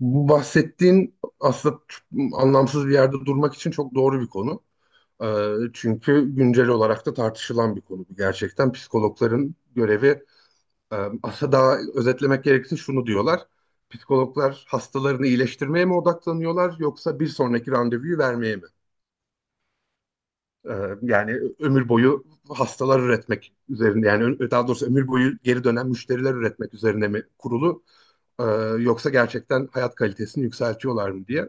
Bu bahsettiğin aslında anlamsız bir yerde durmak için çok doğru bir konu. Çünkü güncel olarak da tartışılan bir konu bu. Gerçekten psikologların görevi, e, aslında daha özetlemek gerekirse şunu diyorlar. Psikologlar hastalarını iyileştirmeye mi odaklanıyorlar yoksa bir sonraki randevuyu vermeye mi? Ee, Yani ömür boyu hastalar üretmek üzerine, yani daha doğrusu ömür boyu geri dönen müşteriler üretmek üzerine mi kurulu? Ee, Yoksa gerçekten hayat kalitesini yükseltiyorlar mı diye.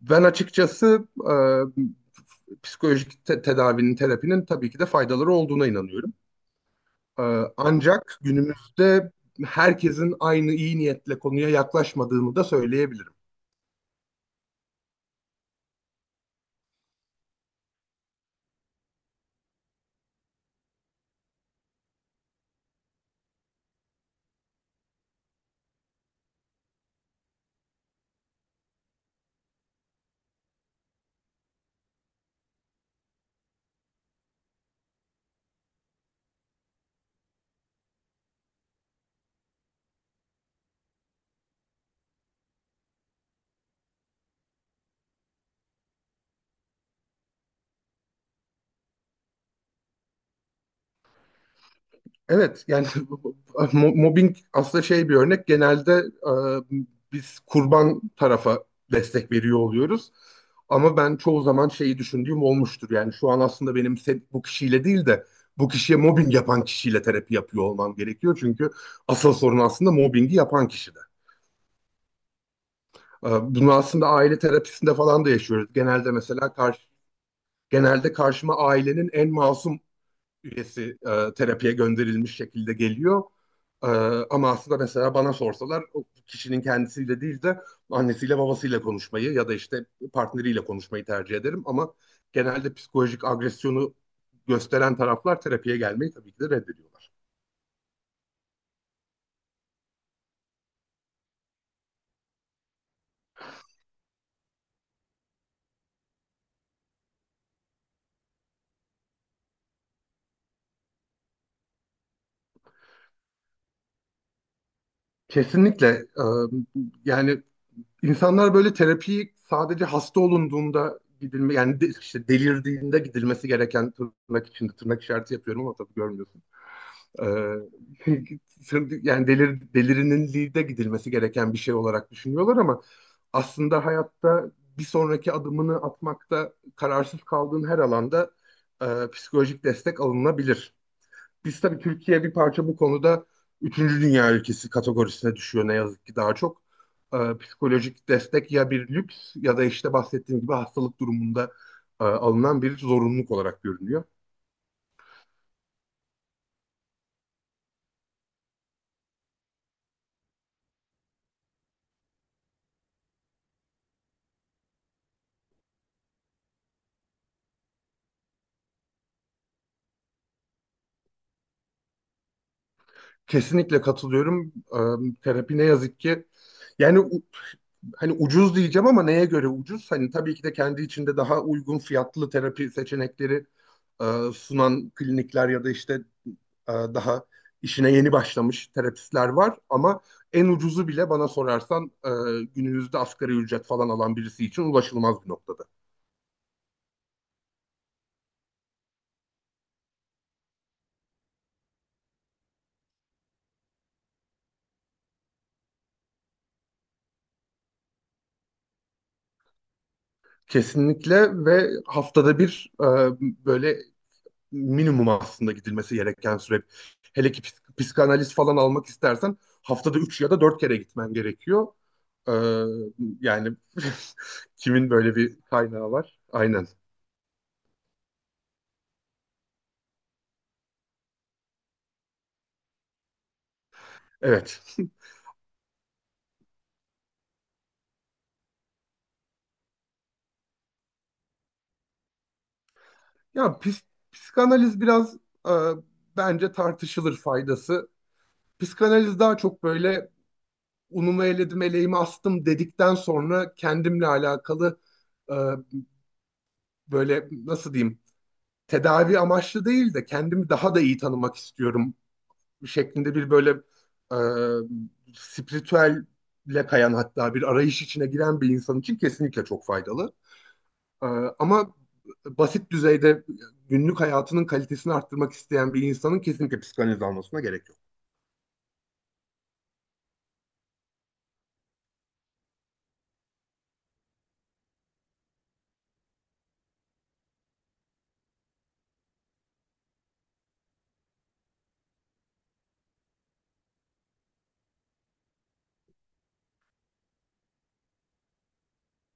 Ben açıkçası psikolojik tedavinin, terapinin tabii ki de faydaları olduğuna inanıyorum. E, Ancak günümüzde herkesin aynı iyi niyetle konuya yaklaşmadığını da söyleyebilirim. Evet yani mobbing aslında şey bir örnek. Genelde biz kurban tarafa destek veriyor oluyoruz. Ama ben çoğu zaman şeyi düşündüğüm olmuştur. Yani şu an aslında benim bu kişiyle değil de bu kişiye mobbing yapan kişiyle terapi yapıyor olmam gerekiyor. Çünkü asıl sorun aslında mobbingi yapan kişide. Bunu aslında aile terapisinde falan da yaşıyoruz. Genelde mesela karşı, genelde karşıma ailenin en masum üyesi, terapiye gönderilmiş şekilde geliyor. E, Ama aslında mesela bana sorsalar o kişinin kendisiyle değil de annesiyle babasıyla konuşmayı ya da işte partneriyle konuşmayı tercih ederim. Ama genelde psikolojik agresyonu gösteren taraflar terapiye gelmeyi tabii ki de reddediyorlar. Kesinlikle, e, yani insanlar böyle terapiyi sadece hasta olunduğunda gidilme, yani işte delirdiğinde gidilmesi gereken, tırnak içinde, tırnak işareti yapıyorum ama tabii görmüyorsun. Ee, Yani delirinliğe gidilmesi gereken bir şey olarak düşünüyorlar ama aslında hayatta bir sonraki adımını atmakta kararsız kaldığın her alanda e, psikolojik destek alınabilir. Biz tabii Türkiye bir parça bu konuda üçüncü dünya ülkesi kategorisine düşüyor ne yazık ki, daha çok. Psikolojik destek ya bir lüks ya da işte bahsettiğim gibi hastalık durumunda alınan bir zorunluluk olarak görünüyor. Kesinlikle katılıyorum. Terapi ne yazık ki, yani hani ucuz diyeceğim ama neye göre ucuz? Hani tabii ki de kendi içinde daha uygun fiyatlı terapi seçenekleri e, sunan klinikler ya da işte daha işine yeni başlamış terapistler var ama en ucuzu bile bana sorarsan günümüzde asgari ücret falan alan birisi için ulaşılmaz bir noktada. Kesinlikle ve haftada bir, böyle, minimum aslında gidilmesi gereken süre. Hele ki psikanaliz falan almak istersen haftada 3 ya da 4 kere gitmen gerekiyor. Ee, Yani kimin böyle bir kaynağı var? Aynen. Evet. Ya psikanaliz biraz, e, bence tartışılır faydası. Psikanaliz daha çok böyle unumu eledim, eleğimi astım dedikten sonra kendimle alakalı, e, böyle nasıl diyeyim, tedavi amaçlı değil de kendimi daha da iyi tanımak istiyorum şeklinde bir böyle, spiritüelle kayan hatta bir arayış içine giren bir insan için kesinlikle çok faydalı. E, Ama basit düzeyde günlük hayatının kalitesini arttırmak isteyen bir insanın kesinlikle psikanaliz almasına gerek yok.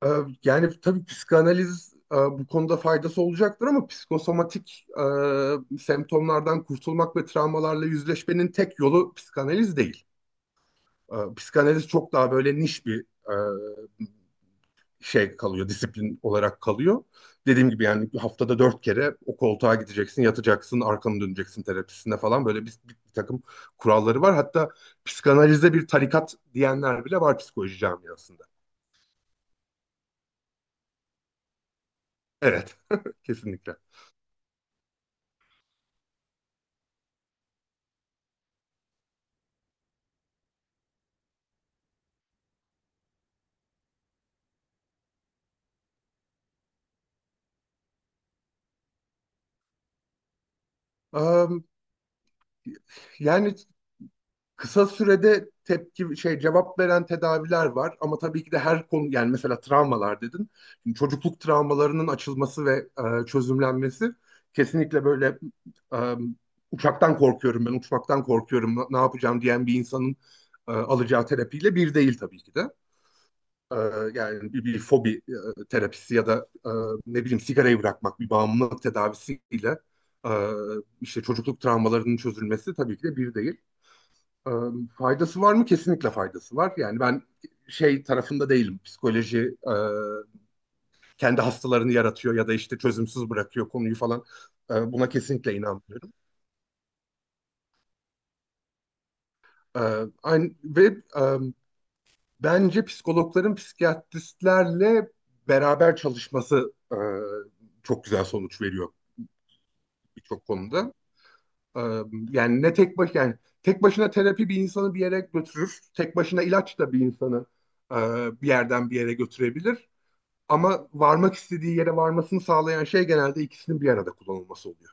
E, Yani tabii psikanaliz, bu konuda faydası olacaktır ama psikosomatik semptomlardan kurtulmak ve travmalarla yüzleşmenin tek yolu psikanaliz değil. Psikanaliz çok daha böyle niş bir e, şey kalıyor, disiplin olarak kalıyor. Dediğim gibi yani haftada dört kere o koltuğa gideceksin, yatacaksın, arkanı döneceksin terapisinde falan, böyle bir takım kuralları var. Hatta psikanalize bir tarikat diyenler bile var psikoloji camiasında. Evet, kesinlikle. Am, yani kısa sürede tepki şey cevap veren tedaviler var ama tabii ki de her konu, yani mesela travmalar dedin. Şimdi çocukluk travmalarının açılması ve çözümlenmesi kesinlikle böyle, e, uçaktan korkuyorum, ben uçmaktan korkuyorum, ne ne yapacağım diyen bir insanın alacağı terapiyle bir değil tabii ki de. E, Yani bir fobi terapisi ya da ne bileyim sigarayı bırakmak, bir bağımlılık tedavisiyle e, işte çocukluk travmalarının çözülmesi tabii ki de bir değil. Ee, Faydası var mı? Kesinlikle faydası var. Yani ben şey tarafında değilim. Psikoloji kendi hastalarını yaratıyor ya da işte çözümsüz bırakıyor konuyu falan. Buna kesinlikle inanmıyorum. E, Aynı, ve e, bence psikologların psikiyatristlerle beraber çalışması çok güzel sonuç veriyor birçok konuda. E, Yani ne tek baş yani tek başına terapi bir insanı bir yere götürür. Tek başına ilaç da bir insanı e, bir yerden bir yere götürebilir. Ama varmak istediği yere varmasını sağlayan şey genelde ikisinin bir arada kullanılması oluyor.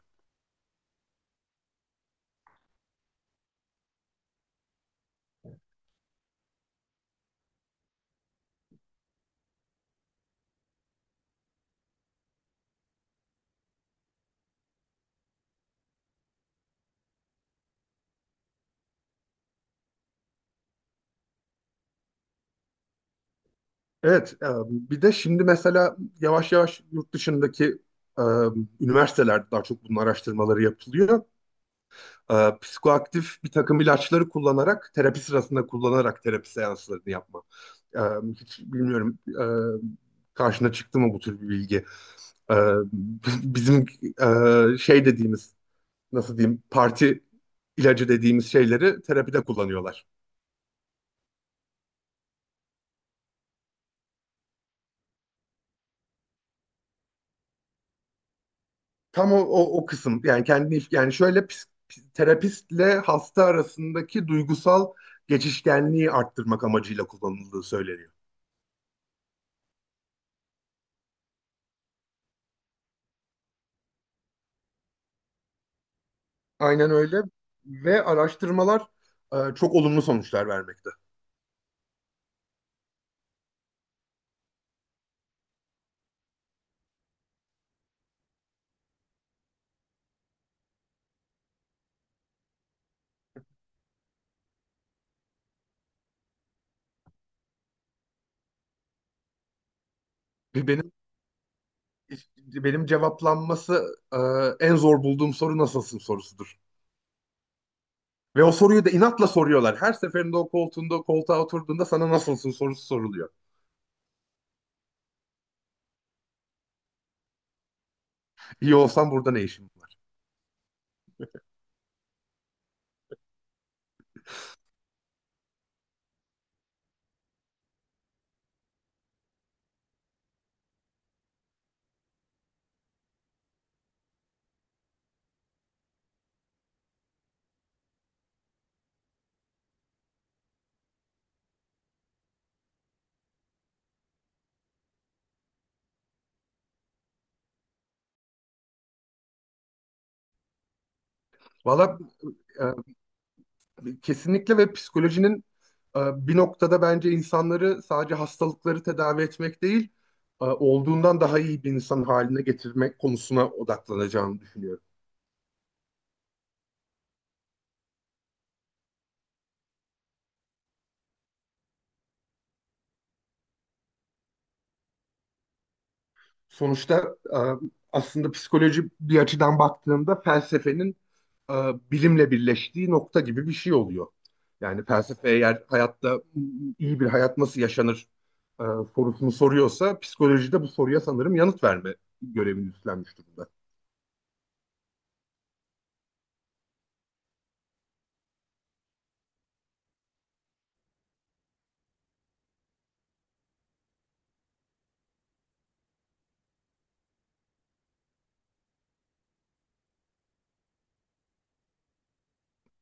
Evet, bir de şimdi mesela yavaş yavaş yurt dışındaki e, üniversitelerde daha çok bunun araştırmaları yapılıyor. Psikoaktif bir takım ilaçları kullanarak, terapi sırasında kullanarak terapi seanslarını yapma. E, Hiç bilmiyorum, karşına çıktı mı bu tür bir bilgi. E, Bizim şey dediğimiz, nasıl diyeyim, parti ilacı dediğimiz şeyleri terapide kullanıyorlar. Tam o kısım, yani kendini, yani şöyle terapistle hasta arasındaki duygusal geçişkenliği arttırmak amacıyla kullanıldığı söyleniyor. Aynen öyle ve araştırmalar çok olumlu sonuçlar vermekte. Bir Benim benim cevaplanması en zor bulduğum soru nasılsın sorusudur. Ve o soruyu da inatla soruyorlar. Her seferinde o koltuğa oturduğunda sana nasılsın sorusu soruluyor. İyi olsan burada ne işin var? Valla, kesinlikle ve psikolojinin e, bir noktada bence insanları sadece hastalıkları tedavi etmek değil, olduğundan daha iyi bir insan haline getirmek konusuna odaklanacağını düşünüyorum. Sonuçta aslında psikoloji bir açıdan baktığında felsefenin e, bilimle birleştiği nokta gibi bir şey oluyor. Yani felsefe eğer hayatta iyi bir hayat nasıl yaşanır e, sorusunu soruyorsa psikolojide bu soruya sanırım yanıt verme görevini üstlenmiş durumda.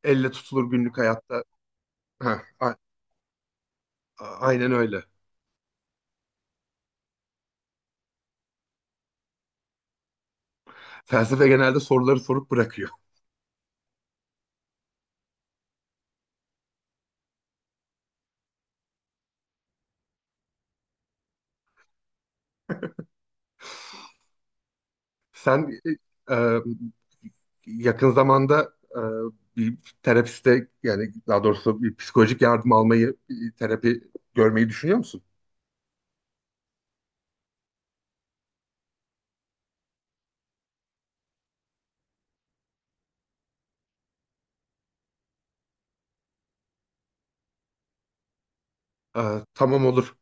Elle tutulur günlük hayatta. Heh, a- aynen öyle. Felsefe genelde soruları sorup bırakıyor. Sen e, e, yakın zamanda bir terapiste, yani daha doğrusu bir psikolojik yardım almayı, bir terapi görmeyi düşünüyor musun? E, tamam, olur.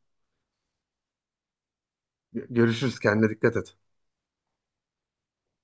Görüşürüz. Kendine dikkat et.